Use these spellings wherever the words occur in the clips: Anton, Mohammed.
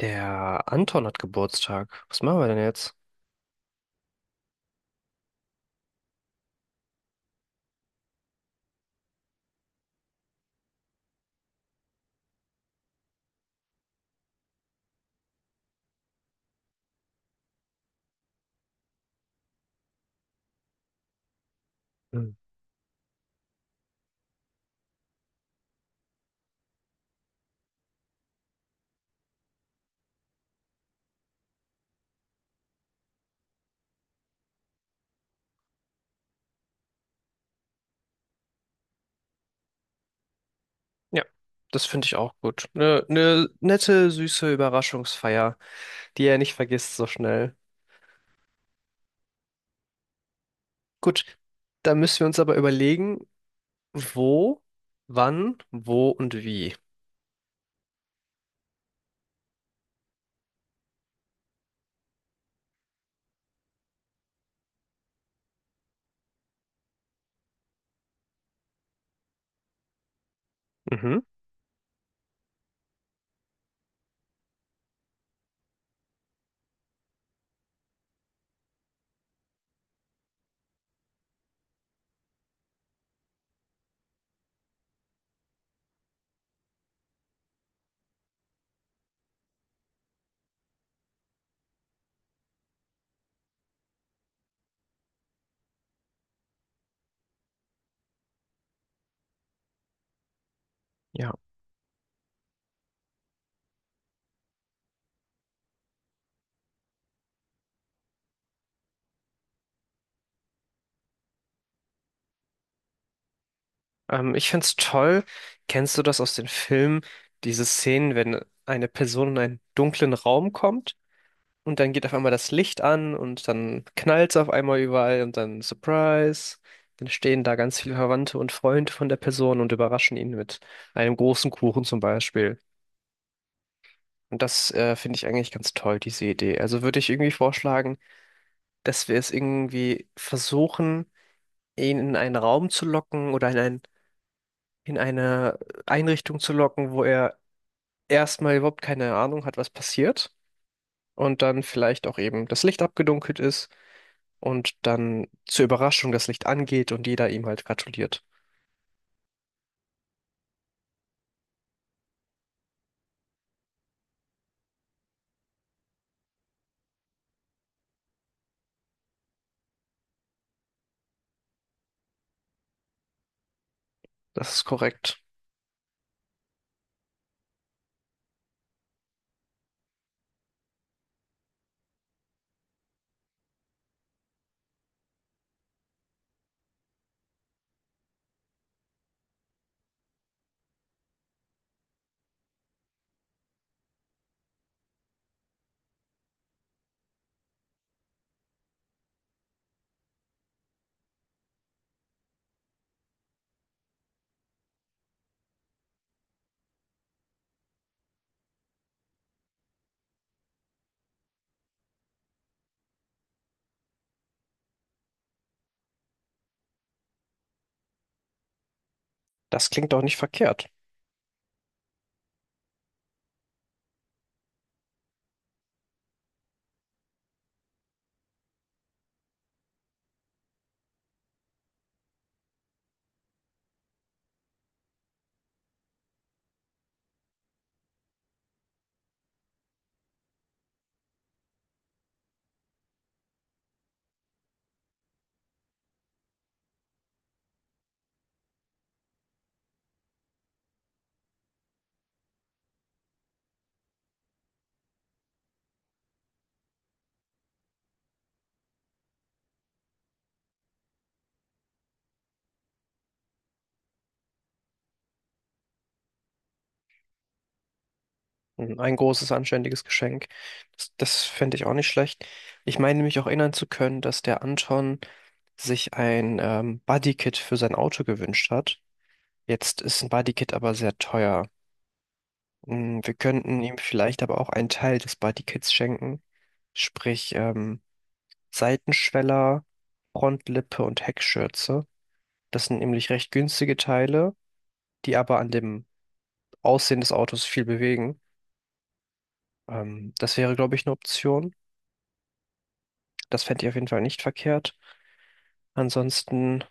Der Anton hat Geburtstag. Was machen wir denn jetzt? Hm. Ja, das finde ich auch gut. Eine nette, süße Überraschungsfeier, die er nicht vergisst so schnell. Gut, da müssen wir uns aber überlegen, wo, wann, wo und wie. Mhm, ja. Ich find's toll. Kennst du das aus den Filmen? Diese Szenen, wenn eine Person in einen dunklen Raum kommt, und dann geht auf einmal das Licht an und dann knallt's auf einmal überall und dann Surprise. Dann stehen da ganz viele Verwandte und Freunde von der Person und überraschen ihn mit einem großen Kuchen zum Beispiel. Und das finde ich eigentlich ganz toll, diese Idee. Also würde ich irgendwie vorschlagen, dass wir es irgendwie versuchen, ihn in einen Raum zu locken oder in ein, in eine Einrichtung zu locken, wo er erstmal überhaupt keine Ahnung hat, was passiert. Und dann vielleicht auch eben das Licht abgedunkelt ist und dann zur Überraschung das Licht angeht und jeder ihm halt gratuliert. Das ist korrekt. Das klingt doch nicht verkehrt. Hm, ein großes, anständiges Geschenk. Das fände ich auch nicht schlecht. Ich meine mich auch erinnern zu können, dass der Anton sich ein Bodykit für sein Auto gewünscht hat. Jetzt ist ein Bodykit aber sehr teuer. Mm, wir könnten ihm vielleicht aber auch einen Teil des Bodykits schenken, sprich Seitenschweller, Frontlippe und Heckschürze. Das sind nämlich recht günstige Teile, die aber an dem Aussehen des Autos viel bewegen. Das wäre, glaube ich, eine Option. Das fände ich auf jeden Fall nicht verkehrt. Ansonsten,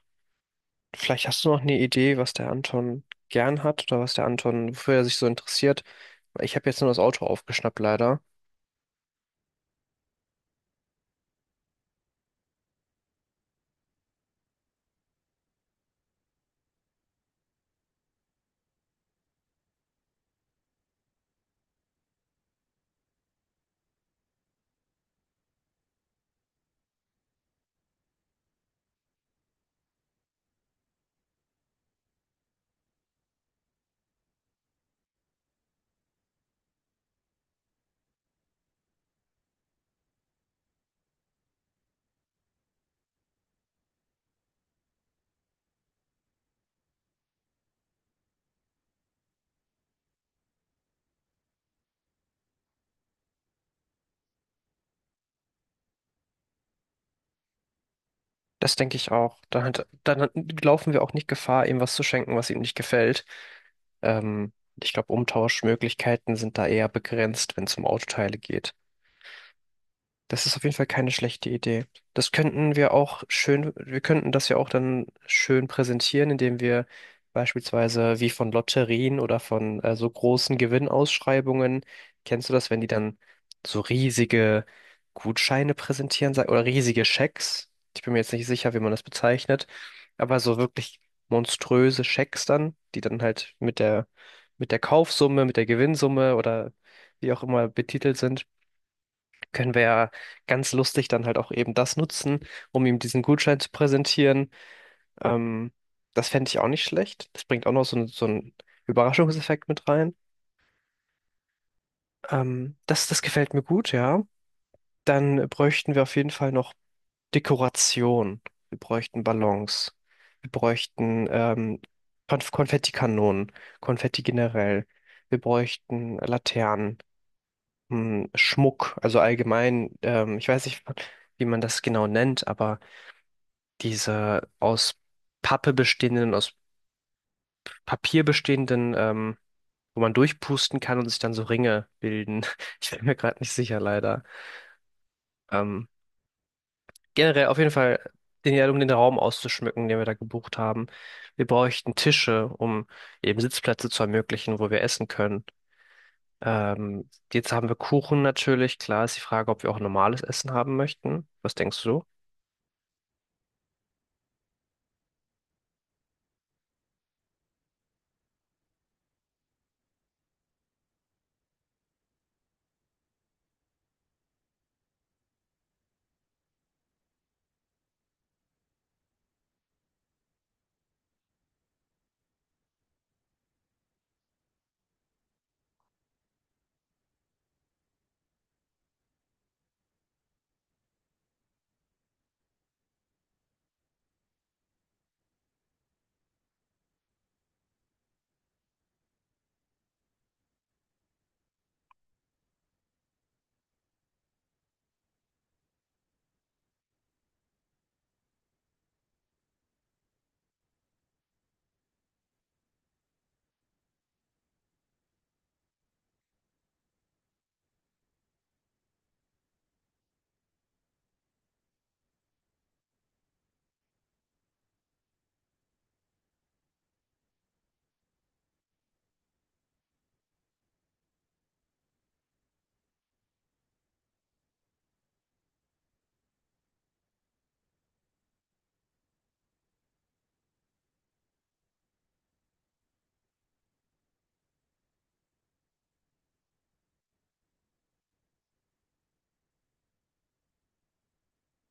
vielleicht hast du noch eine Idee, was der Anton gern hat oder was der Anton, wofür er sich so interessiert. Ich habe jetzt nur das Auto aufgeschnappt, leider. Das denke ich auch. Laufen wir auch nicht Gefahr, ihm was zu schenken, was ihm nicht gefällt. Ähm, ich glaube, Umtauschmöglichkeiten sind da eher begrenzt, wenn es um Autoteile geht. Das ist auf jeden Fall keine schlechte Idee. Das könnten wir auch schön, wir könnten das ja auch dann schön präsentieren, indem wir beispielsweise wie von Lotterien oder von so großen Gewinnausschreibungen, kennst du das, wenn die dann so riesige Gutscheine oder riesige Schecks? Ich bin mir jetzt nicht sicher, wie man das bezeichnet, aber so wirklich monströse Schecks dann, die dann halt mit der Kaufsumme, mit der Gewinnsumme oder wie auch immer betitelt sind, können wir ja ganz lustig dann halt auch eben das nutzen, um ihm diesen Gutschein zu präsentieren. Ähm, das fände ich auch nicht schlecht. Das bringt auch noch so, so einen Überraschungseffekt mit rein. Das gefällt mir gut, ja. Dann bräuchten wir auf jeden Fall noch Dekoration. Wir bräuchten Ballons. Wir bräuchten Konfettikanonen, Konfetti generell. Wir bräuchten Laternen, hm, Schmuck, also allgemein. Ich weiß nicht, wie man das genau nennt, aber diese aus Pappe bestehenden, aus Papier bestehenden, wo man durchpusten kann und sich dann so Ringe bilden. Ich bin mir gerade nicht sicher, leider. Ähm, generell auf jeden Fall, den, ja, um den Raum auszuschmücken, den wir da gebucht haben. Wir bräuchten Tische, um eben Sitzplätze zu ermöglichen, wo wir essen können. Ähm, jetzt haben wir Kuchen natürlich. Klar ist die Frage, ob wir auch normales Essen haben möchten. Was denkst du?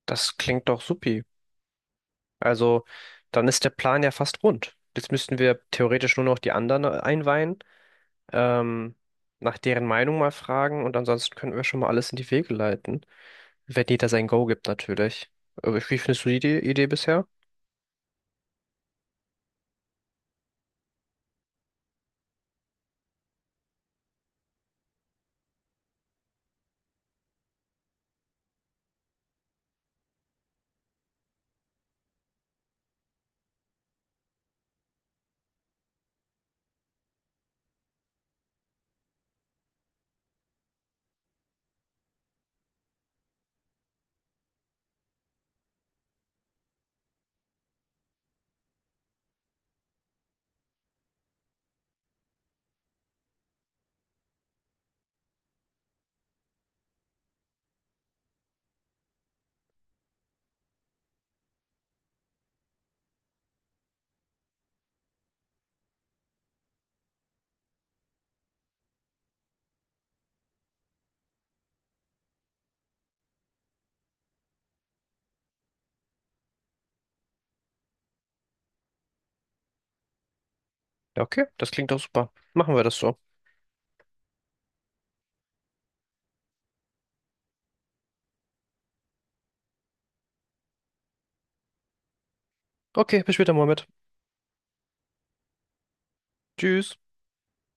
Das klingt doch supi. Also dann ist der Plan ja fast rund. Jetzt müssten wir theoretisch nur noch die anderen einweihen, ähm, nach deren Meinung mal fragen und ansonsten könnten wir schon mal alles in die Wege leiten, wenn jeder sein Go gibt natürlich. Aber wie findest du die Idee bisher? Ja, okay, das klingt doch super. Machen wir das so. Okay, bis später, Mohammed. Tschüss.